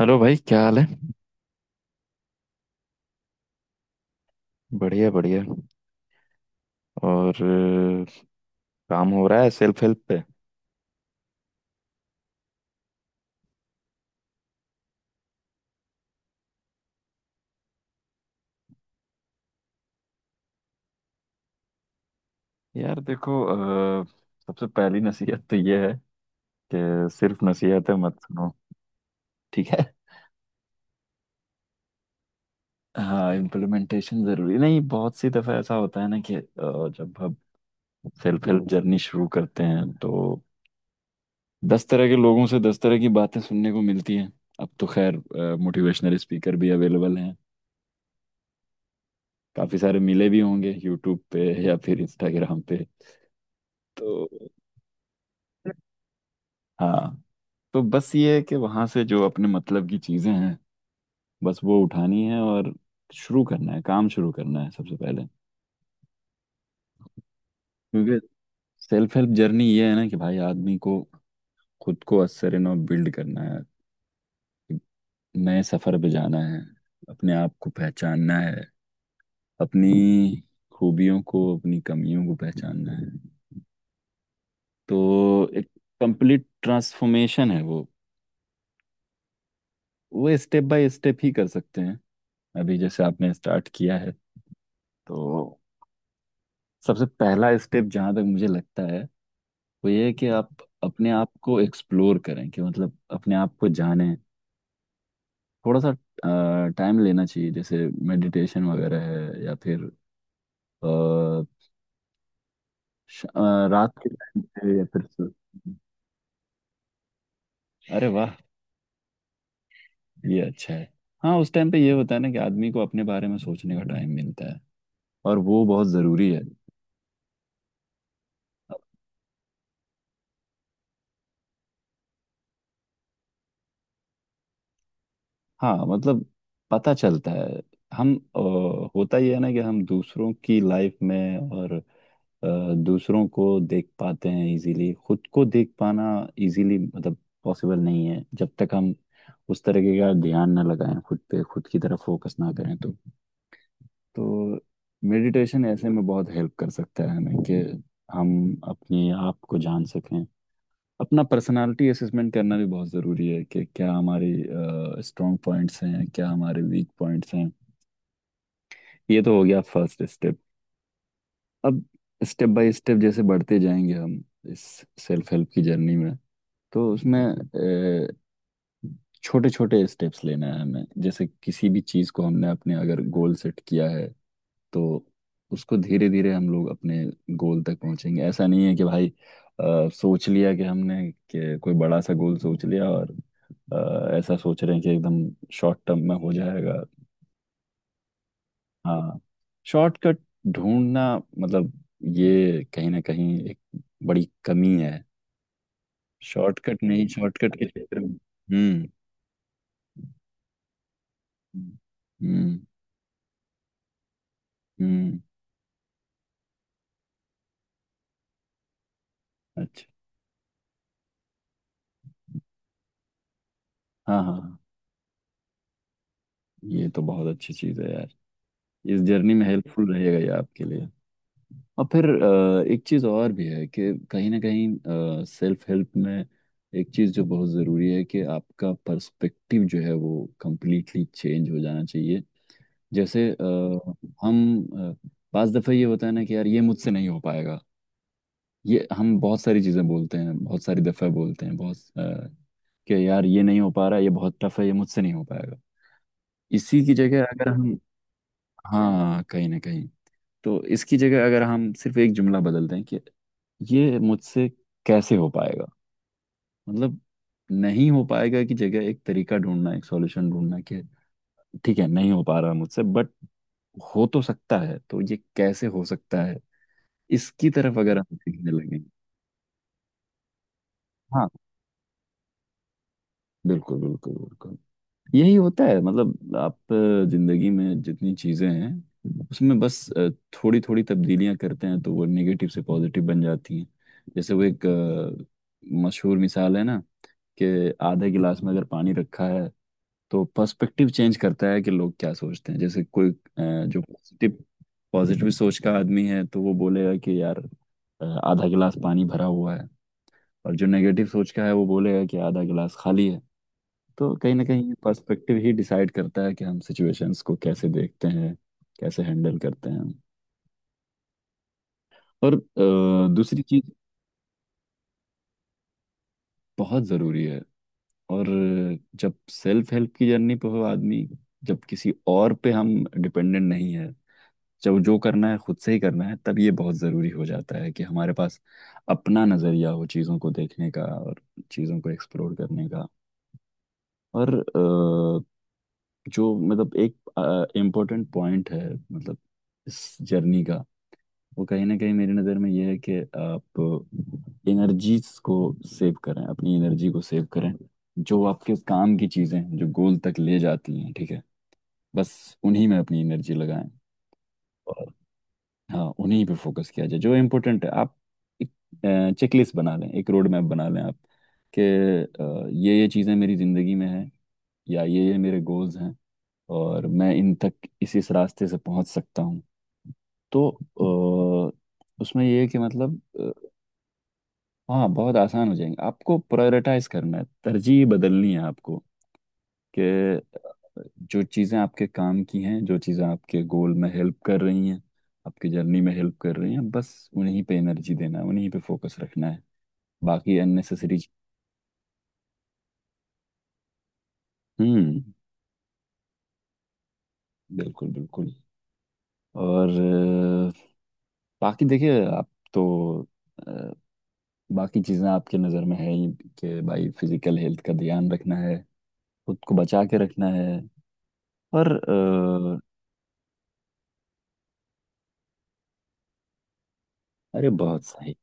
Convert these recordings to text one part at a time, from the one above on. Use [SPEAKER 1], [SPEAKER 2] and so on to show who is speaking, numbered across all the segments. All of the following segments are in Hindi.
[SPEAKER 1] हेलो भाई, क्या हाल है। बढ़िया बढ़िया। और अ, काम हो रहा है सेल्फ हेल्प पे। यार देखो, सबसे पहली नसीहत तो ये है कि सिर्फ नसीहत है, मत सुनो। ठीक है। हाँ, इम्प्लीमेंटेशन जरूरी नहीं। बहुत सी दफा ऐसा होता है ना कि जब हम सेल्फ हेल्प जर्नी शुरू करते हैं, तो दस तरह के लोगों से दस तरह की बातें सुनने को मिलती हैं। अब तो खैर मोटिवेशनल स्पीकर भी अवेलेबल हैं, काफी सारे मिले भी होंगे यूट्यूब पे या फिर इंस्टाग्राम पे, तो। हाँ, तो बस ये है कि वहां से जो अपने मतलब की चीजें हैं, बस वो उठानी है, और शुरू करना है, काम शुरू करना है सबसे पहले। क्योंकि सेल्फ हेल्प जर्नी ये है ना कि भाई, आदमी को खुद को असरनो बिल्ड करना है, नए सफर पे जाना है, अपने आप को पहचानना है, अपनी खूबियों को अपनी कमियों को पहचानना है। तो एक कंप्लीट ट्रांसफॉर्मेशन है वो। वो स्टेप बाय स्टेप ही कर सकते हैं। अभी जैसे आपने स्टार्ट किया है, तो सबसे पहला स्टेप जहाँ तक मुझे लगता है वो ये है कि आप अपने आप को एक्सप्लोर करें, कि मतलब अपने आप को जानें। थोड़ा सा टाइम लेना चाहिए, जैसे मेडिटेशन वगैरह है, या फिर अ, रात के टाइम पे या फिर अरे वाह, ये अच्छा है। हाँ, उस टाइम पे ये होता है ना कि आदमी को अपने बारे में सोचने का टाइम मिलता है, और वो बहुत ज़रूरी है। हाँ मतलब, पता चलता है। हम होता ही है ना कि हम दूसरों की लाइफ में और दूसरों को देख पाते हैं इजीली, खुद को देख पाना इजीली मतलब पॉसिबल नहीं है, जब तक हम उस तरीके का ध्यान ना लगाएं, खुद पे खुद की तरफ फोकस ना करें, तो। तो मेडिटेशन ऐसे में बहुत हेल्प कर सकता है हमें, कि हम अपने आप को जान सकें। अपना पर्सनालिटी असेसमेंट करना भी बहुत ज़रूरी है, कि क्या हमारी स्ट्रॉन्ग पॉइंट्स हैं, क्या हमारे वीक पॉइंट्स हैं। ये तो हो गया फर्स्ट स्टेप। अब स्टेप बाय स्टेप जैसे बढ़ते जाएंगे हम इस सेल्फ हेल्प की जर्नी में, तो उसमें छोटे छोटे स्टेप्स लेना है हमें। जैसे किसी भी चीज़ को हमने अपने अगर गोल सेट किया है, तो उसको धीरे धीरे हम लोग अपने गोल तक पहुंचेंगे। ऐसा नहीं है कि भाई सोच लिया कि हमने कि कोई बड़ा सा गोल सोच लिया, और ऐसा सोच रहे हैं कि एकदम शॉर्ट टर्म में हो जाएगा। हाँ, शॉर्टकट ढूंढना मतलब, ये कहीं ना कहीं एक बड़ी कमी है। शॉर्टकट नहीं, शॉर्टकट के क्षेत्र में। हम्म हम्म। अच्छा। हाँ हाँ हाँ। ये तो बहुत अच्छी चीज़ है यार, इस जर्नी में हेल्पफुल रहेगा ये आपके लिए। और फिर एक चीज़ और भी है कि कहीं ना कहीं सेल्फ हेल्प में एक चीज़ जो बहुत ज़रूरी है, कि आपका पर्सपेक्टिव जो है वो कंप्लीटली चेंज हो जाना चाहिए। जैसे हम अ, पांच दफ़े ये होता है ना कि यार ये मुझसे नहीं हो पाएगा। ये हम बहुत सारी चीज़ें बोलते हैं, बहुत सारी दफ़े बोलते हैं, कि यार ये नहीं हो पा रहा, ये बहुत टफ है, ये मुझसे नहीं हो पाएगा। इसी की जगह अगर हम। हाँ, कहीं ना कहीं। तो इसकी जगह अगर हम सिर्फ एक जुमला बदल दें, कि ये मुझसे कैसे हो पाएगा। मतलब नहीं हो पाएगा की जगह एक तरीका ढूंढना, एक सॉल्यूशन ढूंढना, कि ठीक है नहीं हो पा रहा मुझसे बट हो तो सकता है, तो ये कैसे हो सकता है। इसकी तरफ अगर हम सीखने लगेंगे। हाँ, बिल्कुल बिल्कुल बिल्कुल। यही होता है मतलब, आप जिंदगी में जितनी चीजें हैं उसमें बस थोड़ी थोड़ी तब्दीलियां करते हैं, तो वो नेगेटिव से पॉजिटिव बन जाती हैं। जैसे वो एक मशहूर मिसाल है ना, कि आधे गिलास में अगर पानी रखा है, तो पर्सपेक्टिव चेंज करता है कि लोग क्या सोचते हैं। जैसे कोई जो पॉजिटिव पॉजिटिव सोच का आदमी है तो वो बोलेगा कि यार आधा गिलास पानी भरा हुआ है। और जो नेगेटिव सोच का है वो बोलेगा कि आधा गिलास खाली है। तो कहीं ना कहीं पर्सपेक्टिव ही डिसाइड करता है कि हम सिचुएशंस को कैसे देखते हैं, कैसे हैंडल करते हैं। और दूसरी चीज बहुत ज़रूरी है। और जब सेल्फ हेल्प की जर्नी पे हो आदमी, जब किसी और पे हम डिपेंडेंट नहीं है, जब जो करना है खुद से ही करना है, तब ये बहुत ज़रूरी हो जाता है कि हमारे पास अपना नज़रिया हो चीज़ों को देखने का, और चीज़ों को एक्सप्लोर करने का। और जो मतलब एक इम्पोर्टेंट पॉइंट है मतलब इस जर्नी का, वो कहीं ना कहीं मेरी नज़र में ये है कि आप एनर्जीज को सेव करें, अपनी एनर्जी को सेव करें। जो आपके काम की चीज़ें हैं, जो गोल तक ले जाती हैं, ठीक है, बस उन्हीं में अपनी एनर्जी लगाएं। और हाँ, उन्हीं पे फोकस किया जाए जो इम्पोर्टेंट है। आप एक चेकलिस्ट बना लें, एक रोड मैप बना लें आप, कि ये चीज़ें मेरी ज़िंदगी में हैं, या ये मेरे गोल्स हैं, और मैं इन तक इसी इस रास्ते से पहुंच सकता हूँ, तो उसमें ये है कि मतलब हाँ बहुत आसान हो जाएंगे। आपको प्रायोरिटाइज करना है, तरजीह बदलनी है आपको कि जो चीज़ें आपके काम की हैं, जो चीज़ें आपके गोल में हेल्प कर रही हैं, आपकी जर्नी में हेल्प कर रही हैं, बस उन्हीं पे एनर्जी देना है, उन्हीं पे फोकस रखना है। बाकी अननेसेसरी। हम्म, बिल्कुल बिल्कुल। और अ, बाकी देखिए आप, तो बाकी चीज़ें आपके नज़र में है ही, कि भाई फिजिकल हेल्थ का ध्यान रखना है, खुद को बचा के रखना है। और अरे बहुत सही,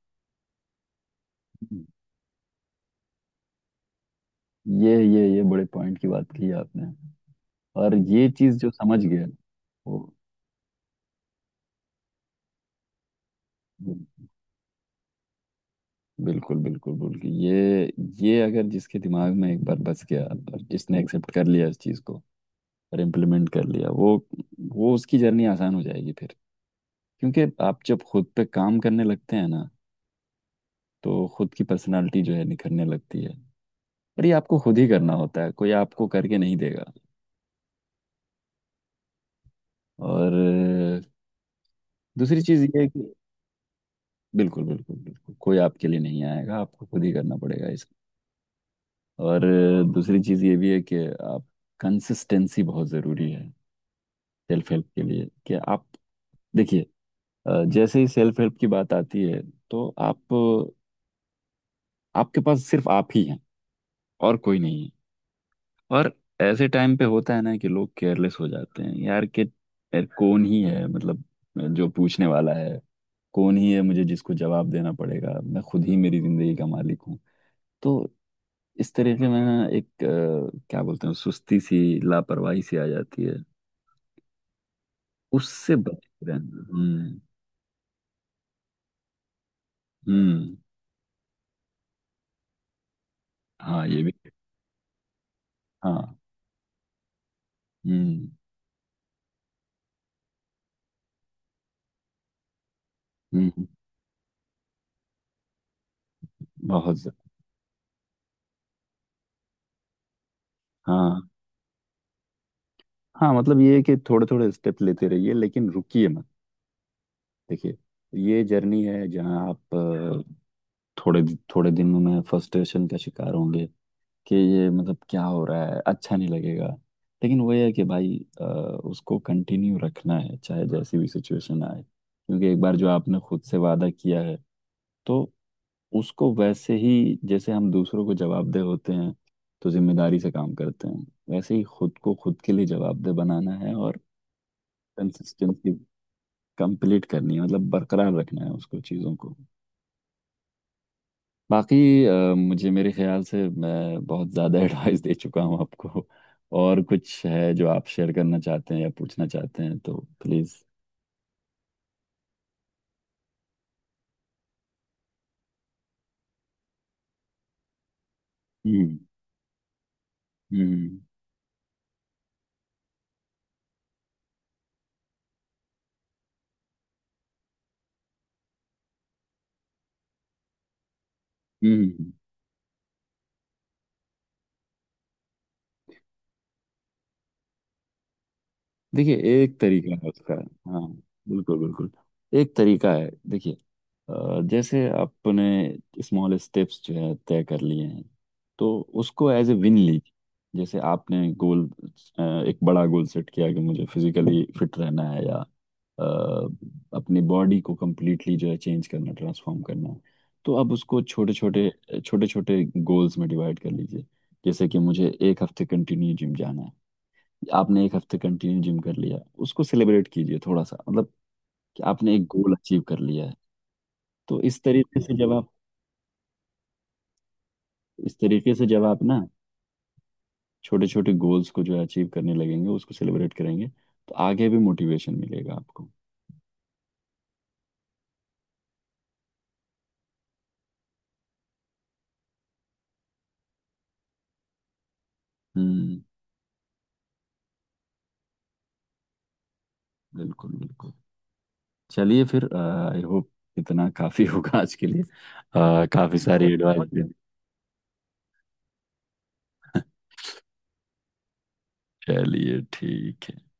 [SPEAKER 1] ये बड़े पॉइंट की बात कही आपने, और ये चीज़ जो समझ गया वो। बिल्कुल बिल्कुल बिल्कुल। ये अगर जिसके दिमाग में एक बार बस गया, और जिसने एक्सेप्ट कर लिया इस चीज़ को, और इम्प्लीमेंट कर लिया, वो उसकी जर्नी आसान हो जाएगी फिर। क्योंकि आप जब खुद पे काम करने लगते हैं ना, तो खुद की पर्सनालिटी जो है निखरने लगती है। पर ये आपको खुद ही करना होता है, कोई आपको करके नहीं देगा। और दूसरी चीज़ ये है कि, बिल्कुल बिल्कुल बिल्कुल, कोई आपके लिए नहीं आएगा, आपको खुद ही करना पड़ेगा इसको। और दूसरी चीज़ ये भी है कि आप, कंसिस्टेंसी बहुत ज़रूरी है सेल्फ हेल्प के लिए। कि आप देखिए, जैसे ही सेल्फ हेल्प की बात आती है, तो आप, आपके पास सिर्फ आप ही हैं, और कोई नहीं है। और ऐसे टाइम पे होता है ना कि लोग केयरलेस हो जाते हैं यार, कि यार कौन ही है मतलब जो पूछने वाला है, कौन ही है मुझे जिसको जवाब देना पड़ेगा, मैं खुद ही मेरी जिंदगी का मालिक हूँ। तो इस तरीके में ना एक क्या बोलते हैं, सुस्ती सी, लापरवाही सी आ जाती है। उससे बच के रहना। हम्म। हाँ ये भी। हाँ। हम्म हम्म। बहुत ज्यादा। हाँ, हाँ मतलब ये है कि थोड़े थोड़े स्टेप लेते रहिए, लेकिन रुकिए मत। देखिए, ये जर्नी है जहाँ आप थोड़े थोड़े दिनों में फ्रस्ट्रेशन का शिकार होंगे, कि ये मतलब क्या हो रहा है, अच्छा नहीं लगेगा। लेकिन वही है कि भाई उसको कंटिन्यू रखना है, चाहे जैसी भी सिचुएशन आए, क्योंकि एक बार जो आपने खुद से वादा किया है, तो उसको वैसे ही, जैसे हम दूसरों को जवाबदेह होते हैं, तो जिम्मेदारी से काम करते हैं, वैसे ही खुद को खुद के लिए जवाबदेह बनाना है, और कंसिस्टेंसी कंप्लीट करनी है मतलब, बरकरार रखना है उसको, चीज़ों को। बाकी मुझे मेरे ख्याल से मैं बहुत ज़्यादा एडवाइस दे चुका हूँ आपको। और कुछ है जो आप शेयर करना चाहते हैं या पूछना चाहते हैं, तो प्लीज़। हम्म हम्म हम्म। देखिए, एक तरीका है उसका। हाँ, बिल्कुल बिल्कुल। एक तरीका है, देखिए, जैसे आपने स्मॉल स्टेप्स जो है तय कर लिए हैं, तो उसको एज ए विन लीजिए। जैसे आपने गोल, एक बड़ा गोल सेट किया कि मुझे फिजिकली फिट रहना है, या अपनी बॉडी को कंप्लीटली जो है चेंज करना, ट्रांसफॉर्म करना है, तो अब उसको छोटे छोटे, छोटे छोटे गोल्स में डिवाइड कर लीजिए। जैसे कि मुझे एक हफ्ते कंटिन्यू जिम जाना है। आपने एक हफ्ते कंटिन्यू जिम कर लिया, उसको सेलिब्रेट कीजिए थोड़ा सा, मतलब कि आपने एक गोल अचीव कर लिया है। तो इस तरीके से जब आप इस तरीके से जब आप ना, छोटे छोटे गोल्स को जो है अचीव करने लगेंगे, उसको सेलिब्रेट करेंगे, तो आगे भी मोटिवेशन मिलेगा आपको। हम्म, बिल्कुल बिल्कुल। चलिए फिर, आई होप इतना काफी होगा आज के लिए, काफी सारी एडवाइस। चलिए ठीक है।